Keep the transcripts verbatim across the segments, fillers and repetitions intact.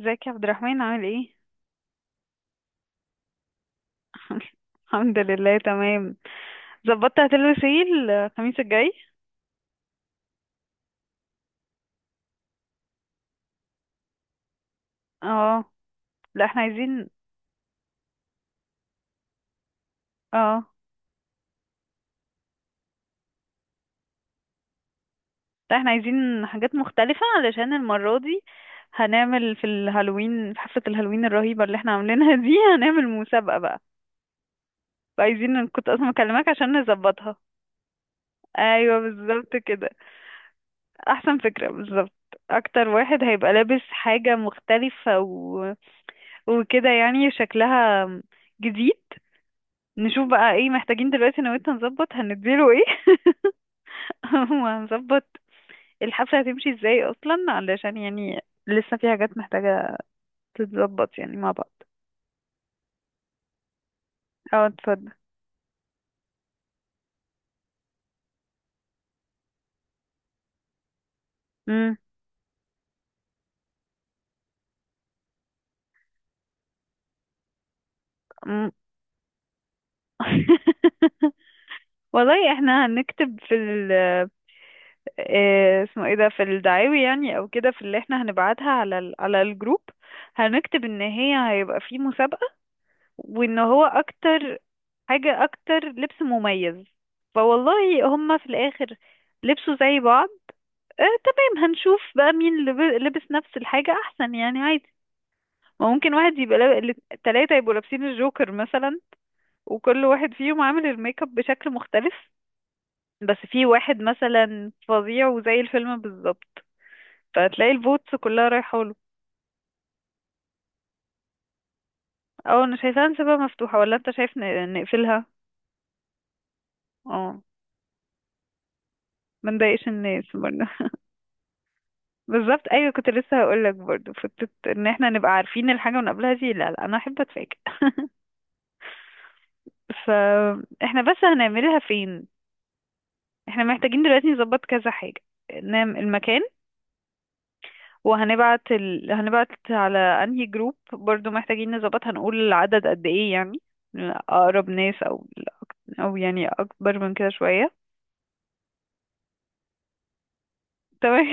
ازيك يا عبد الرحمن عامل ايه؟ الحمد لله تمام. ظبطت هتلبس ايه الخميس الجاي؟ اه. لا احنا عايزين اه لا احنا عايزين حاجات مختلفة علشان المرة دي هنعمل في الهالوين، في حفلة الهالوين الرهيبة اللي احنا عاملينها دي، هنعمل مسابقة بقى، فعايزين، كنت اصلا مكلمك عشان نظبطها. ايوه بالظبط كده. احسن فكرة بالظبط. اكتر واحد هيبقى لابس حاجة مختلفة و... وكده يعني شكلها جديد. نشوف بقى ايه محتاجين دلوقتي انا وانت نظبط، هنديله ايه؟ وهنظبط الحفلة هتمشي ازاي اصلا، علشان يعني لسه في حاجات محتاجة تتظبط يعني مع بعض. اه اتفضل. مم. مم. والله احنا هنكتب في ال آه، اسمه ايه ده، في الدعاوي يعني او كده، في اللي احنا هنبعتها على ال على الجروب، هنكتب ان هي هيبقى في مسابقة، وان هو اكتر حاجة أكتر لبس مميز. فوالله هما في الآخر لبسوا زي بعض. آه تمام، هنشوف بقى مين لب- لبس نفس الحاجة أحسن، يعني عادي. ما ممكن واحد يبقى لاب... ال- التلاتة يبقوا لابسين الجوكر مثلا، وكل واحد فيهم عامل الميك اب بشكل مختلف، بس في واحد مثلا فظيع وزي الفيلم بالظبط، فتلاقي الفوتس كلها رايحة له. اه انا شايفاها نسيبها مفتوحة، ولا انت شايف ن- نقفلها؟ اه. ما نضايقش الناس برضه. بالظبط ايوه، كنت لسه هقول لك برضه فكره ان احنا نبقى عارفين الحاجه من قبلها دي، لا لا انا احب اتفاجئ. فاحنا بس هنعملها فين؟ احنا محتاجين دلوقتي نظبط كذا حاجه، نعمل المكان، وهنبعت ال... هنبعت على انهي جروب، برضو محتاجين نظبط هنقول العدد قد ايه يعني، اقرب ناس او الأك- او يعني اكبر من كده شويه. تمام.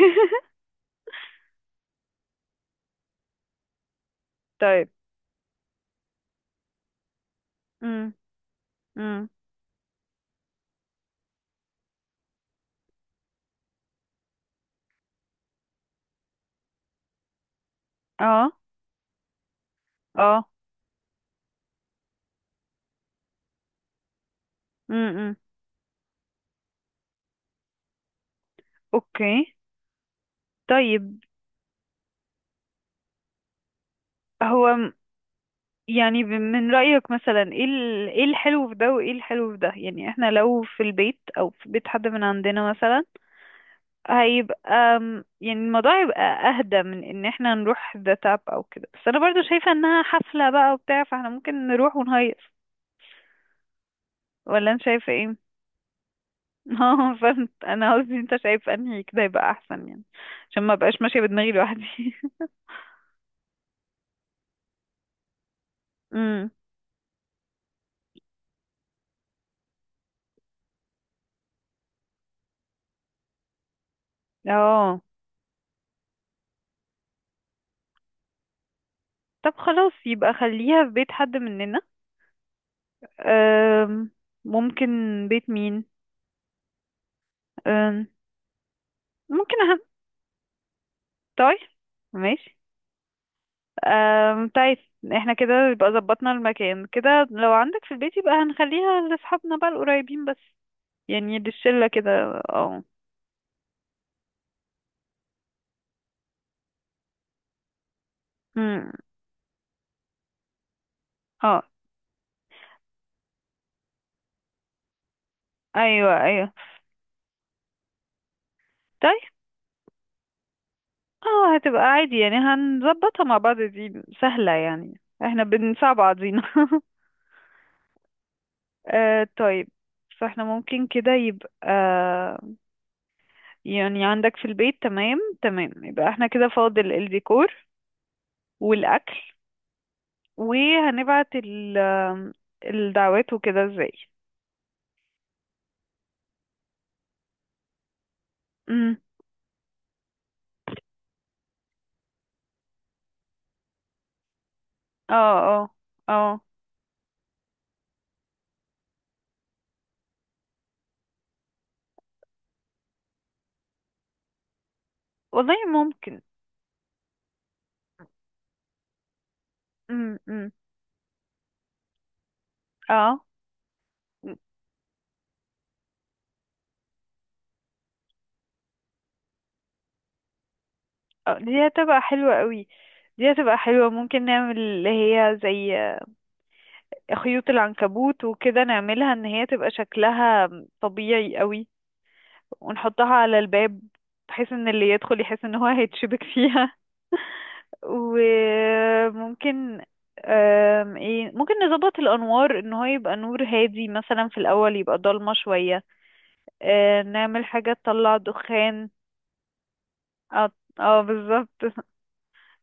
طيب. امم امم. اه اه. امم. اوكي. طيب، هو يعني ب- من رأيك مثلا ايه ال- ايه الحلو في ده وايه الحلو في ده، يعني احنا لو في البيت او في بيت حد من عندنا مثلا، هيبقى م- يعني الموضوع هيبقى اهدى من ان احنا نروح ده تاب او كده، بس انا برضو شايفة انها حفلة بقى وبتاع، فاحنا ممكن نروح ونهيص، ولا انت شايفة ايه؟ اه فهمت، انا قصدي انت شايف انهي كده يبقى احسن يعني، عشان ما بقاش ماشية بدماغي لوحدي. امم. اه. طب خلاص، يبقى خليها في بيت حد مننا. أم، ممكن. بيت مين؟ أم، ممكن اهم. طيب ماشي. أم، طيب احنا كده يبقى ظبطنا المكان، كده لو عندك في البيت يبقى هنخليها لاصحابنا بقى القريبين بس، يعني للشلة كده. اه. أم، اه. ايوه ايوه. طيب. اه هتبقى عادي يعني، هنظبطها مع بعض، دي سهلة يعني، احنا بنساعد بعضينا. آه طيب، فاحنا ممكن كده يبقى يعني عندك في البيت، تمام تمام. يبقى احنا كده فاضل الديكور والأكل، وهنبعت ال الدعوات وكده ازاي. امم. اه اه اه. والله ممكن. امم امم. اه. آه، دي هتبقى حلوة قوي، دي هتبقى حلوة، ممكن نعمل اللي هي زي خيوط العنكبوت وكده، نعملها ان هي تبقى شكلها طبيعي قوي ونحطها على الباب، بحيث ان اللي يدخل يحس ان هو هيتشبك فيها. وممكن آم، ايه ممكن نظبط الانوار ان هو يبقى نور هادي مثلا، في الاول يبقى ضلمه شويه. آه، نعمل حاجه تطلع دخان. اه. آه، بالظبط.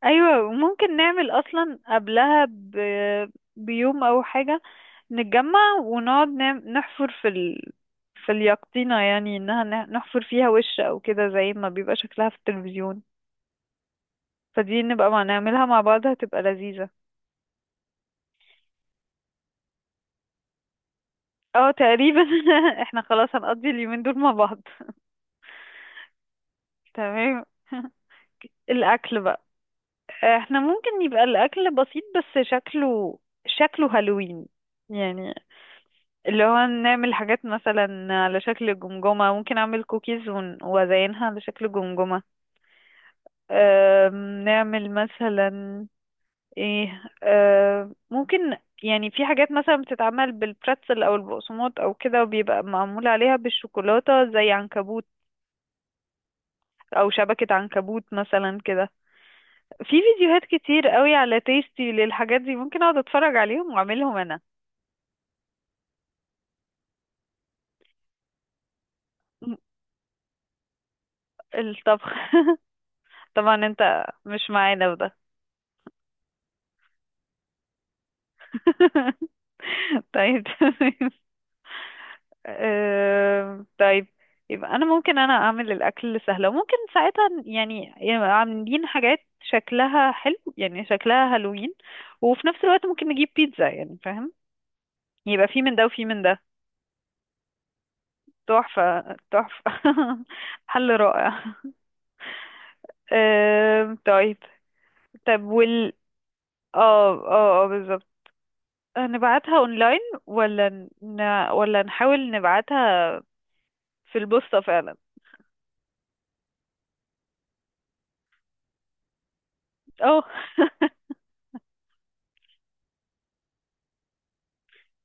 ايوه ممكن نعمل اصلا قبلها ب- بيوم او حاجه، نتجمع ونقعد نعم نحفر في ال... في اليقطينه، يعني انها نح- نحفر فيها وش او كده زي ما بيبقى شكلها في التلفزيون. فدي نبقى مع نعملها مع بعض، هتبقى لذيذه. اه تقريبا. احنا خلاص هنقضي اليومين دول مع بعض. تمام. الاكل بقى، احنا ممكن يبقى الاكل بسيط بس شكله شكله هالوين، يعني اللي هو نعمل حاجات مثلا على شكل جمجمة، ممكن اعمل كوكيز ون- وازينها على شكل جمجمة. أم، نعمل مثلا ايه، أم، ممكن يعني في حاجات مثلا بتتعمل بالبرتزل او البقسماط او كده، وبيبقى معمول عليها بالشوكولاتة زي عنكبوت، او شبكة عنكبوت مثلا كده. في فيديوهات كتير قوي على تيستي للحاجات دي، ممكن اقعد اتفرج عليهم واعملهم انا. الطبخ. طبعا انت مش معانا في ده. طيب تمام. آم، طيب، يبقى انا ممكن انا اعمل الاكل سهله، وممكن ساعتها يعني يبقى عاملين حاجات شكلها حلو يعني شكلها هالوين، وفي نفس الوقت ممكن نجيب بيتزا، يعني فاهم؟ يبقى في من ده وفي من ده. تحفه تحفه. حل رائع. أم، طيب. طب وال اه اه اه بالظبط. هنبعتها اونلاين، ولا ن... ولا نحاول نبعتها في البوسطة فعلا؟ اه.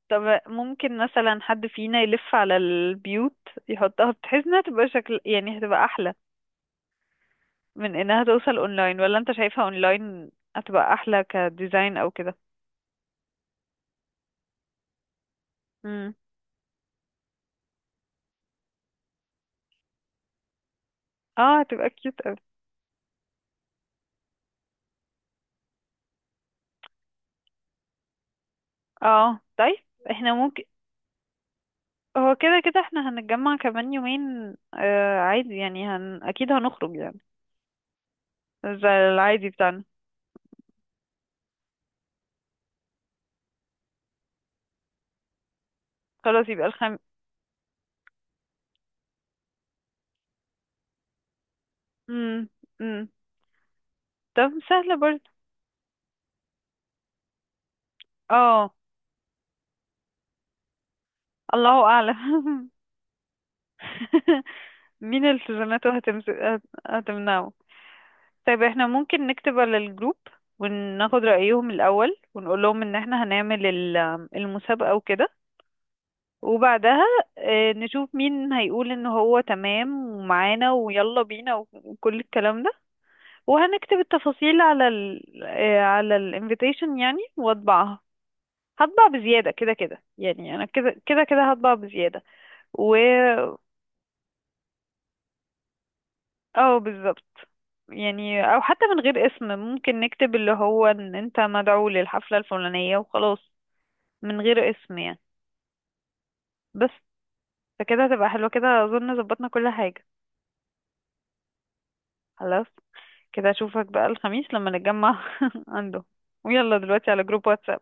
طب ممكن مثلا حد فينا يلف على البيوت يحطها، بحيث انها تبقى شكل يعني هتبقى احلى من انها توصل اونلاين، ولا انت شايفها اونلاين هتبقى احلى كديزاين او كده؟ امم. اه هتبقى كيوت اوي. اه طيب احنا ممكن، هو كده كده احنا هنتجمع كمان يومين، آه عادي يعني هن... اكيد هنخرج يعني زي العادي بتاعنا. خلاص يبقى الخم. مم. مم. طب سهلة برضه. اه. الله اعلم. مين التزاماته هتمس... هت- هتمنعه. طيب احنا ممكن نكتب على الجروب وناخد رأيهم الأول، ونقول لهم ان احنا هنعمل ال- المسابقة وكده، وبعدها آه، نشوف مين هيقول ان هو تمام ومعانا ويلا بينا وكل الكلام ده. وهنكتب التفاصيل على ال آه، على الانفيتيشن يعني، واطبعها. هطبع بزيادة كده كده، يعني انا كده كده كده هطبع بزيادة. و... اه بالظبط. يعني او حتى من غير اسم، ممكن نكتب اللي هو ان انت مدعو للحفلة الفلانية وخلاص، من غير اسم يعني. بس. فكده هتبقى حلوة، كده اظن ظبطنا كل حاجة. خلاص، كده اشوفك بقى الخميس لما نتجمع عنده، ويلا دلوقتي على جروب واتساب.